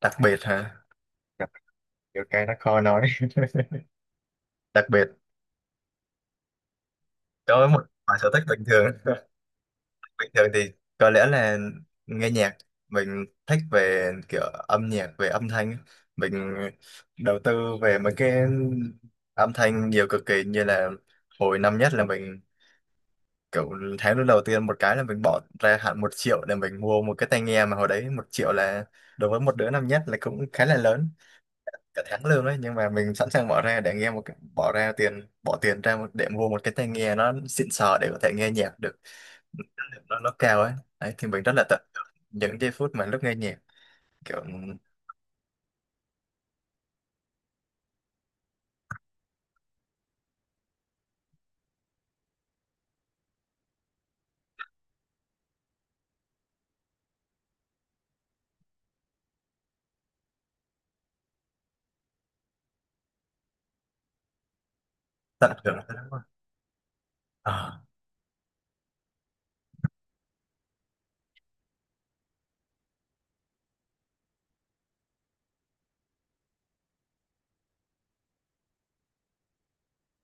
Đặc biệt hả? Kiểu cái nó khó nói. Đặc biệt đối với một bài sở thích bình thường. Bình thường thì có lẽ là nghe nhạc. Mình thích về kiểu âm nhạc, về âm thanh. Mình đầu tư về mấy cái âm thanh nhiều cực kỳ, như là hồi năm nhất là mình kiểu, tháng lúc đầu tiên một cái là mình bỏ ra hẳn 1.000.000 để mình mua một cái tai nghe, mà hồi đấy 1.000.000 là đối với một đứa năm nhất là cũng khá là lớn, cả tháng lương đấy. Nhưng mà mình sẵn sàng bỏ ra để nghe một cái, bỏ tiền ra một, để mua một cái tai nghe nó xịn sò để có thể nghe nhạc được. Nó cao ấy. Đấy, thì mình rất là tận hưởng những giây phút mà lúc nghe nhạc. Kiểu tận hưởng. À,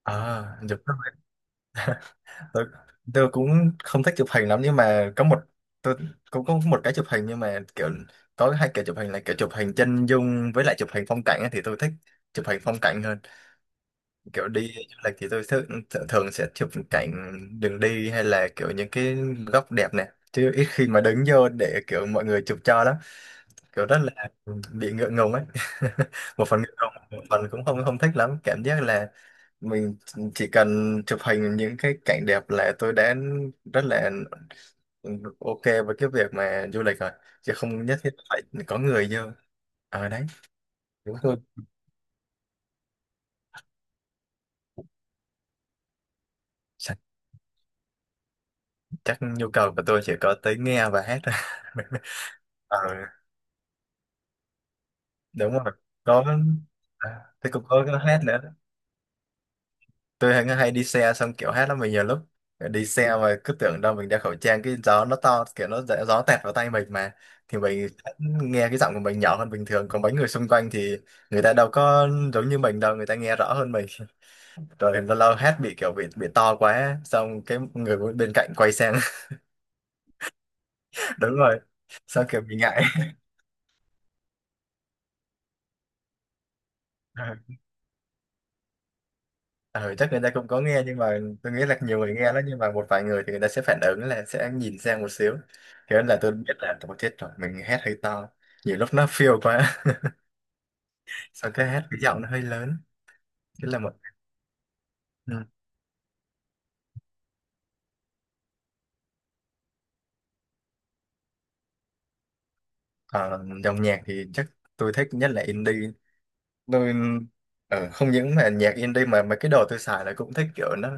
à, chụp. Tôi, tôi cũng không thích chụp hình lắm, nhưng mà có một, tôi cũng có một cái chụp hình nhưng mà kiểu, có hai kiểu chụp hình là kiểu chụp hình chân dung với lại chụp hình phong cảnh ấy, thì tôi thích chụp hình phong cảnh hơn. Kiểu đi du lịch thì tôi thường sẽ chụp cảnh đường đi, hay là kiểu những cái góc đẹp này, chứ ít khi mà đứng vô để kiểu mọi người chụp cho lắm. Kiểu rất là bị ngượng ngùng ấy. Một phần ngượng ngùng, một phần cũng không không thích lắm, cảm giác là mình chỉ cần chụp hình những cái cảnh đẹp là tôi đã rất là ok với cái việc mà du lịch rồi, chứ không nhất thiết phải có người vô ở đấy. Đúng, tôi, chắc chắc nhu cầu của tôi chỉ có tới nghe và hát thôi. Ờ, đúng rồi. Có à, thế cũng có cái hát nữa. Tôi hay đi xe xong kiểu hát lắm, mình nhiều lúc đi xe mà cứ tưởng đâu mình đeo khẩu trang, cái gió nó to kiểu nó gió tẹt vào tay mình mà, thì mình nghe cái giọng của mình nhỏ hơn bình thường, còn mấy người xung quanh thì người ta đâu có giống như mình đâu, người ta nghe rõ hơn mình. Rồi lâu lâu hát bị kiểu bị to quá xong cái người bên cạnh quay sang. Đúng rồi, sao kiểu bị ngại. Ừ, chắc người ta cũng có nghe, nhưng mà tôi nghĩ là nhiều người nghe lắm, nhưng mà một vài người thì người ta sẽ phản ứng là sẽ nhìn sang một xíu. Thế nên là tôi biết là tôi chết rồi, mình hét hơi to, nhiều lúc nó feel quá. Sau cái hét cái giọng nó hơi lớn. Thế là một. Ừ. Ờ, dòng nhạc thì chắc tôi thích nhất là indie. Tôi không những mà nhạc indie mà mấy cái đồ tôi xài là cũng thích kiểu nó,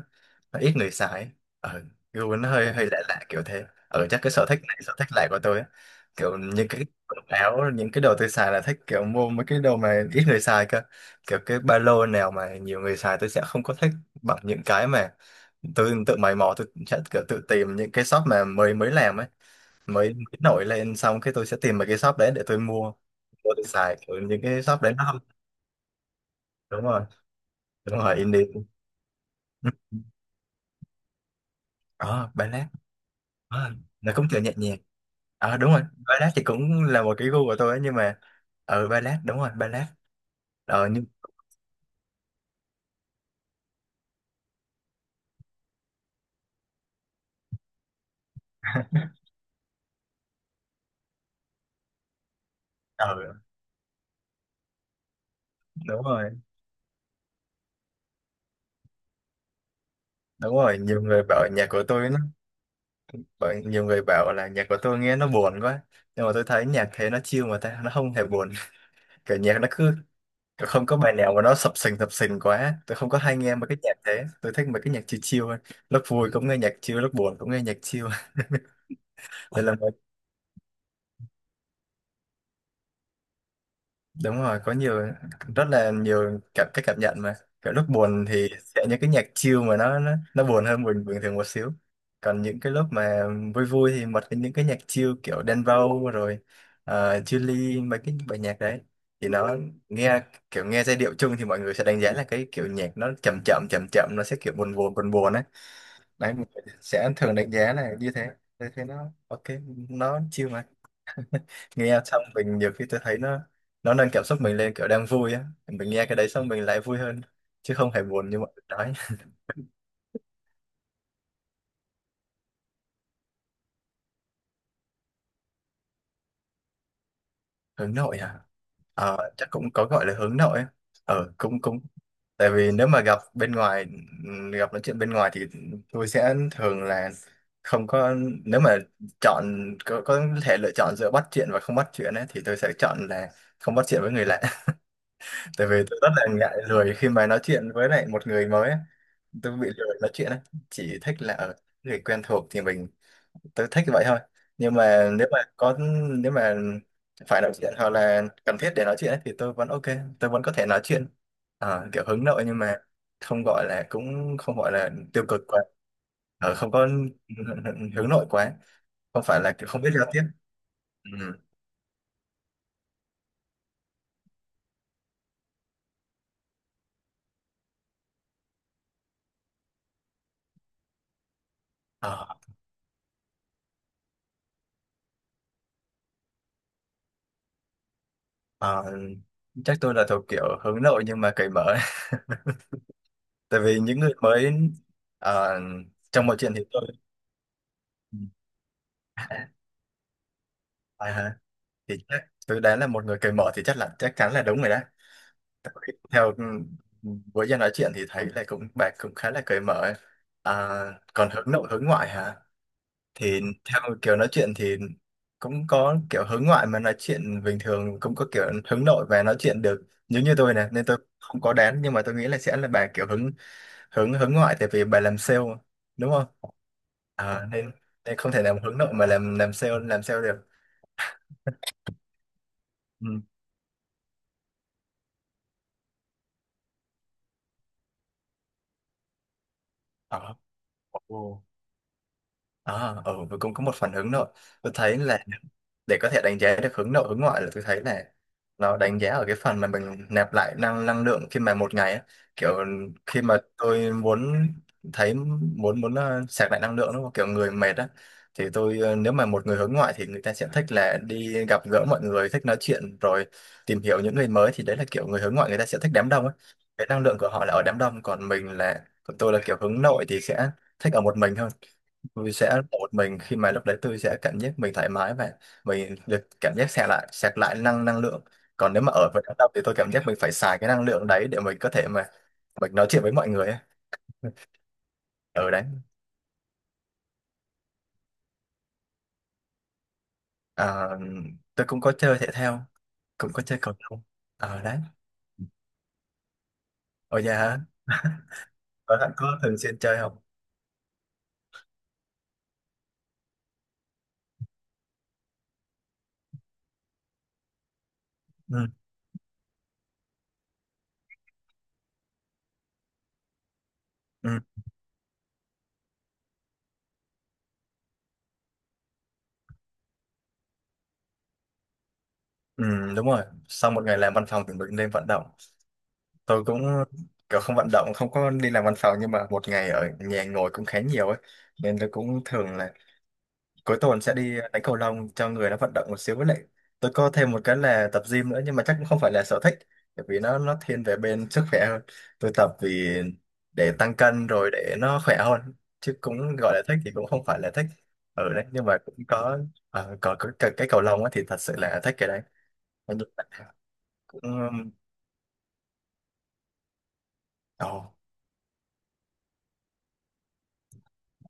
nó ít người xài, ở, gu nó hơi hơi lạ lạ kiểu thế, ở, chắc cái sở thích này sở thích lại của tôi á. Kiểu những cái quần áo, những cái đồ tôi xài là thích kiểu mua mấy cái đồ mà ít người xài cơ. Kiểu cái ba lô nào mà nhiều người xài tôi sẽ không có thích bằng những cái mà tôi tự mày mò, tôi sẽ kiểu tự tìm những cái shop mà mới mới làm ấy, mới nổi lên, xong cái tôi sẽ tìm mấy cái shop đấy để tôi mua. Tôi xài kiểu những cái shop đấy nó không. Đúng rồi. Đúng rồi, indie. Ờ, ballad. Ờ, nó cũng kiểu nhẹ nhàng. Ờ, đúng rồi. Ballad thì cũng là một cái gu của tôi ấy, nhưng mà, ờ, ballad, đúng rồi, ballad. Ờ, nhưng, ờ, đúng rồi, đúng rồi, nhiều người bảo nhạc của tôi nó, nhiều người bảo là nhạc của tôi nghe nó buồn quá, nhưng mà tôi thấy nhạc thế nó chill mà ta, nó không hề buồn. Kiểu nhạc nó cứ, không có bài nào mà nó sập sình quá, tôi không có hay nghe mấy cái nhạc thế, tôi thích mấy cái nhạc chill chill hơn. Lúc vui cũng nghe nhạc chill, lúc buồn cũng nghe nhạc chill. Đây là một. Đúng rồi, có nhiều, rất là nhiều cái cảm nhận mà, kiểu lúc buồn thì sẽ những cái nhạc chill mà nó buồn hơn bình bình thường một xíu. Còn những cái lúc mà vui vui thì bật những cái nhạc chill kiểu Đen Vâu, rồi Chillies, mấy cái bài nhạc đấy thì nó nghe, kiểu nghe giai điệu chung thì mọi người sẽ đánh giá là cái kiểu nhạc nó chậm chậm chậm chậm, nó sẽ kiểu buồn buồn buồn buồn ấy. Đấy, mọi người sẽ thường đánh giá là như thế. Thế nó ok, nó chill mà. Nghe xong mình nhiều khi tôi thấy nó nâng cảm xúc mình lên, kiểu đang vui á mình nghe cái đấy xong mình lại vui hơn, chứ không hề buồn như mọi người nói. Hướng nội à? Ờ, chắc cũng có gọi là hướng nội á, ờ, cũng cũng Tại vì nếu mà gặp bên ngoài, gặp nói chuyện bên ngoài thì tôi sẽ thường là không có, nếu mà chọn, có thể lựa chọn giữa bắt chuyện và không bắt chuyện ấy, thì tôi sẽ chọn là không bắt chuyện với người lạ. Tại vì tôi rất là ngại lười khi mà nói chuyện với lại một người mới. Tôi bị lười nói chuyện ấy. Chỉ thích là ở người quen thuộc thì mình, tôi thích vậy thôi. Nhưng mà nếu mà phải nói chuyện hoặc là cần thiết để nói chuyện ấy, thì tôi vẫn ok, tôi vẫn có thể nói chuyện. Ờ, kiểu hướng nội nhưng mà không gọi là cũng không gọi là tiêu cực quá. Ờ, không có. Hướng nội quá. Không phải là kiểu không biết giao tiếp. Ừ. Ờ, ờ, chắc tôi là thuộc kiểu hướng nội nhưng mà cởi mở. Tại vì những người mới ờ, trong mọi chuyện thì tôi. Ừ. À, hả? Thì chắc tôi đoán là một người cởi mở thì chắc là chắc chắn là đúng rồi đó. Tại vì với Giang nói chuyện thì thấy là cũng bạn cũng khá là cởi mở ấy. À, còn hướng nội hướng ngoại hả? Thì theo kiểu nói chuyện thì cũng có kiểu hướng ngoại mà nói chuyện bình thường, cũng có kiểu hướng nội và nói chuyện được, giống như tôi này, nên tôi không có đoán, nhưng mà tôi nghĩ là sẽ là bà kiểu hướng hướng hướng ngoại tại vì bà làm sale, đúng không? À, nên, không thể làm hướng nội mà làm sale được. Ừ. Đó. Ồ. À, tôi cũng có một phản ứng rồi. Tôi thấy là để có thể đánh giá được hướng nội hướng ngoại là tôi thấy là nó đánh giá ở cái phần mà mình nạp lại năng năng lượng khi mà một ngày á. Kiểu khi mà tôi muốn thấy muốn muốn ờ, sạc lại năng lượng, đúng không, kiểu người mệt á, thì tôi, nếu mà một người hướng ngoại thì người ta sẽ thích là đi gặp gỡ mọi người, thích nói chuyện, rồi tìm hiểu những người mới, thì đấy là kiểu người hướng ngoại, người ta sẽ thích đám đông á. Cái năng lượng của họ là ở đám đông, còn tôi là kiểu hướng nội thì sẽ thích ở một mình hơn. Tôi sẽ ở một mình khi mà lúc đấy tôi sẽ cảm giác mình thoải mái và mình được cảm giác sạc lại năng năng lượng. Còn nếu mà ở với đám đông thì tôi cảm giác mình phải xài cái năng lượng đấy để mình có thể mà mình nói chuyện với mọi người ấy. Ở đấy. À, tôi cũng có chơi thể thao, cũng có chơi cầu lông ở đấy. Ở nhà hả? Ở bạn có thường xuyên chơi không? Ừ, ừ, ừ, đúng rồi. Sau một ngày làm văn phòng thì mình nên vận động. Tôi cũng kiểu không vận động, không có đi làm văn phòng, nhưng mà một ngày ở nhà ngồi cũng khá nhiều ấy, nên tôi cũng thường là cuối tuần sẽ đi đánh cầu lông cho người nó vận động một xíu, với lại tôi có thêm một cái là tập gym nữa, nhưng mà chắc cũng không phải là sở thích, bởi vì nó thiên về bên sức khỏe hơn. Tôi tập vì để tăng cân rồi để nó khỏe hơn, chứ cũng gọi là thích thì cũng không phải là thích. Ở đấy nhưng mà cũng có, có cái cầu lông á thì thật sự là thích cái đấy. Mà nhưng mà cũng ờ, ồ,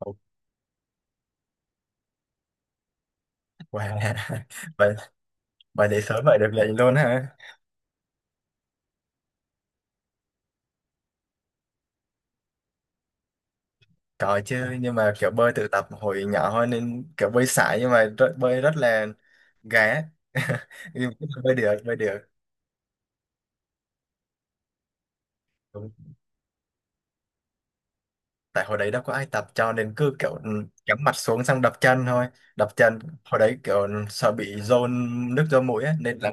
oh, wow. vậy vậy để sớm vậy được lệnh luôn ha? Có chứ, nhưng mà kiểu bơi tự tập hồi nhỏ thôi nên kiểu bơi sải, nhưng mà bơi rất là gà. Nhưng mà bơi được, bơi được. Đúng. Tại hồi đấy đâu có ai tập, cho nên cứ kiểu, ừ, cắm mặt xuống xong đập chân thôi, đập chân. Hồi đấy kiểu, ừ, sợ bị dồn nước do mũi á, nên là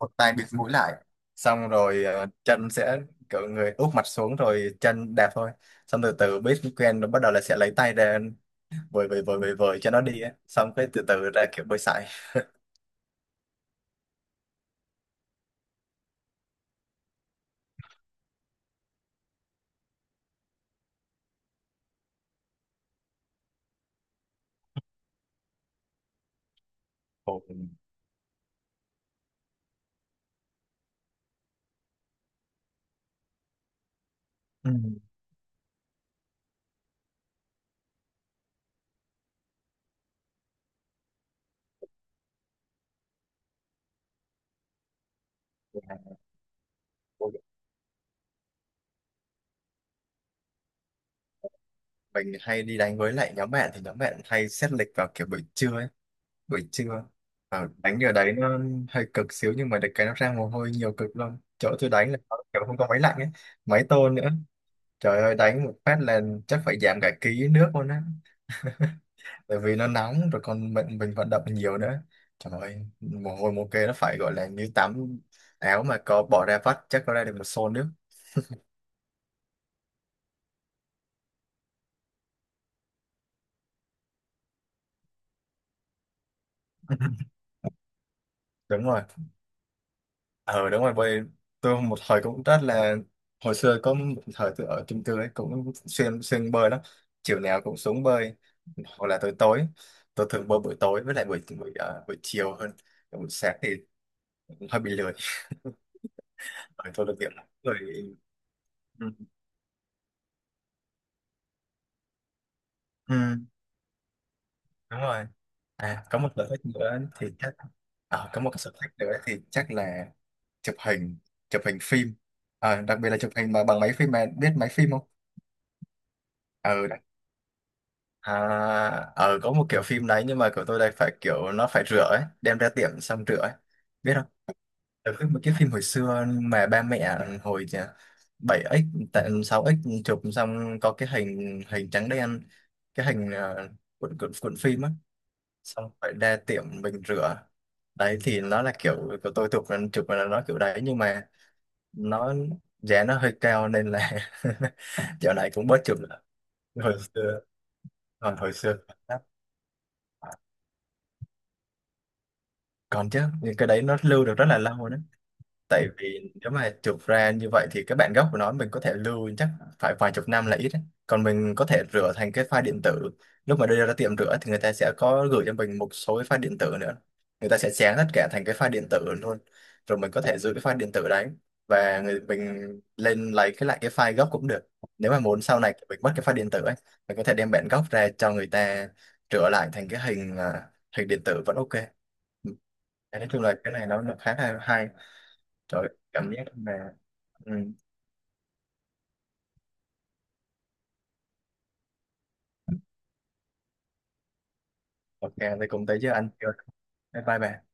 một tay bịt mũi lại, xong rồi chân sẽ kiểu người úp mặt xuống rồi chân đạp thôi. Xong từ từ biết quen rồi, bắt đầu là sẽ lấy tay ra vời vời vời vời vời cho nó đi á, xong cái từ từ ra kiểu bơi sải. Ồ, ừ. Mình hay đi đánh với lại nhóm bạn, thì nhóm bạn hay xét lịch vào kiểu buổi trưa ấy. Buổi trưa. À, đánh ở đấy nó hơi cực xíu, nhưng mà được cái nó ra mồ hôi nhiều cực lắm. Chỗ tôi đánh là nó kiểu không có máy lạnh ấy, máy tôn nữa, trời ơi đánh một phát là chắc phải giảm cả ký nước luôn á. Tại vì nó nóng rồi còn mình vận động nhiều nữa, trời ơi mồ hôi mồ kê nó phải gọi là như tắm. Áo mà có bỏ ra vắt chắc có ra được một xô nước. Đúng rồi, ờ đúng rồi, bởi vì tôi một thời cũng rất là, hồi xưa có một thời tôi ở chung cư ấy cũng xuyên xuyên bơi lắm. Chiều nào cũng xuống bơi, hoặc là tối tối tôi thường bơi buổi tối, với lại buổi buổi, ờ, buổi chiều hơn. Buổi sáng thì hơi bị lười, bởi tôi được việc lắm rồi. Ừ, ừ, đúng rồi. À, có một sở thích nữa thì chắc, à, có một cái sở thích nữa thì chắc là chụp hình, chụp hình phim. À, đặc biệt là chụp hình mà bằng máy phim, mà biết máy phim không? Ừ. À, có một kiểu phim đấy nhưng mà của tôi đây phải kiểu nó phải rửa ấy, đem ra tiệm xong rửa ấy. Biết không? Một cái phim hồi xưa mà ba mẹ hồi 7x, tại 6x, chụp xong có cái hình hình trắng đen, cái hình cuộn cuộn cuộn phim á, xong phải ra tiệm mình rửa. Đấy thì nó là kiểu của tôi chụp, chụp là nó kiểu đấy, nhưng mà nó giá nó hơi cao nên là dạo này cũng bớt chụp lại. Hồi xưa, còn hồi xưa. Còn chứ, những cái đấy nó lưu được rất là lâu đấy. Tại vì nếu mà chụp ra như vậy thì cái bản gốc của nó mình có thể lưu chắc phải vài chục năm là ít đấy. Còn mình có thể rửa thành cái file điện tử. Lúc mà đưa ra tiệm rửa thì người ta sẽ có gửi cho mình một số cái file điện tử nữa, người ta sẽ chén tất cả thành cái file điện tử luôn, rồi mình có thể giữ cái file điện tử đấy, và mình lên lấy cái lại cái file gốc cũng được. Nếu mà muốn sau này mình mất cái file điện tử ấy, mình có thể đem bản gốc ra cho người ta rửa lại thành cái hình, à, hình điện tử vẫn ok. Dạ, nói chung là cái này nó khá là hay. Trời, cảm giác mà, ừ, ok, tôi cùng tới với anh chưa? Bye bye bạn.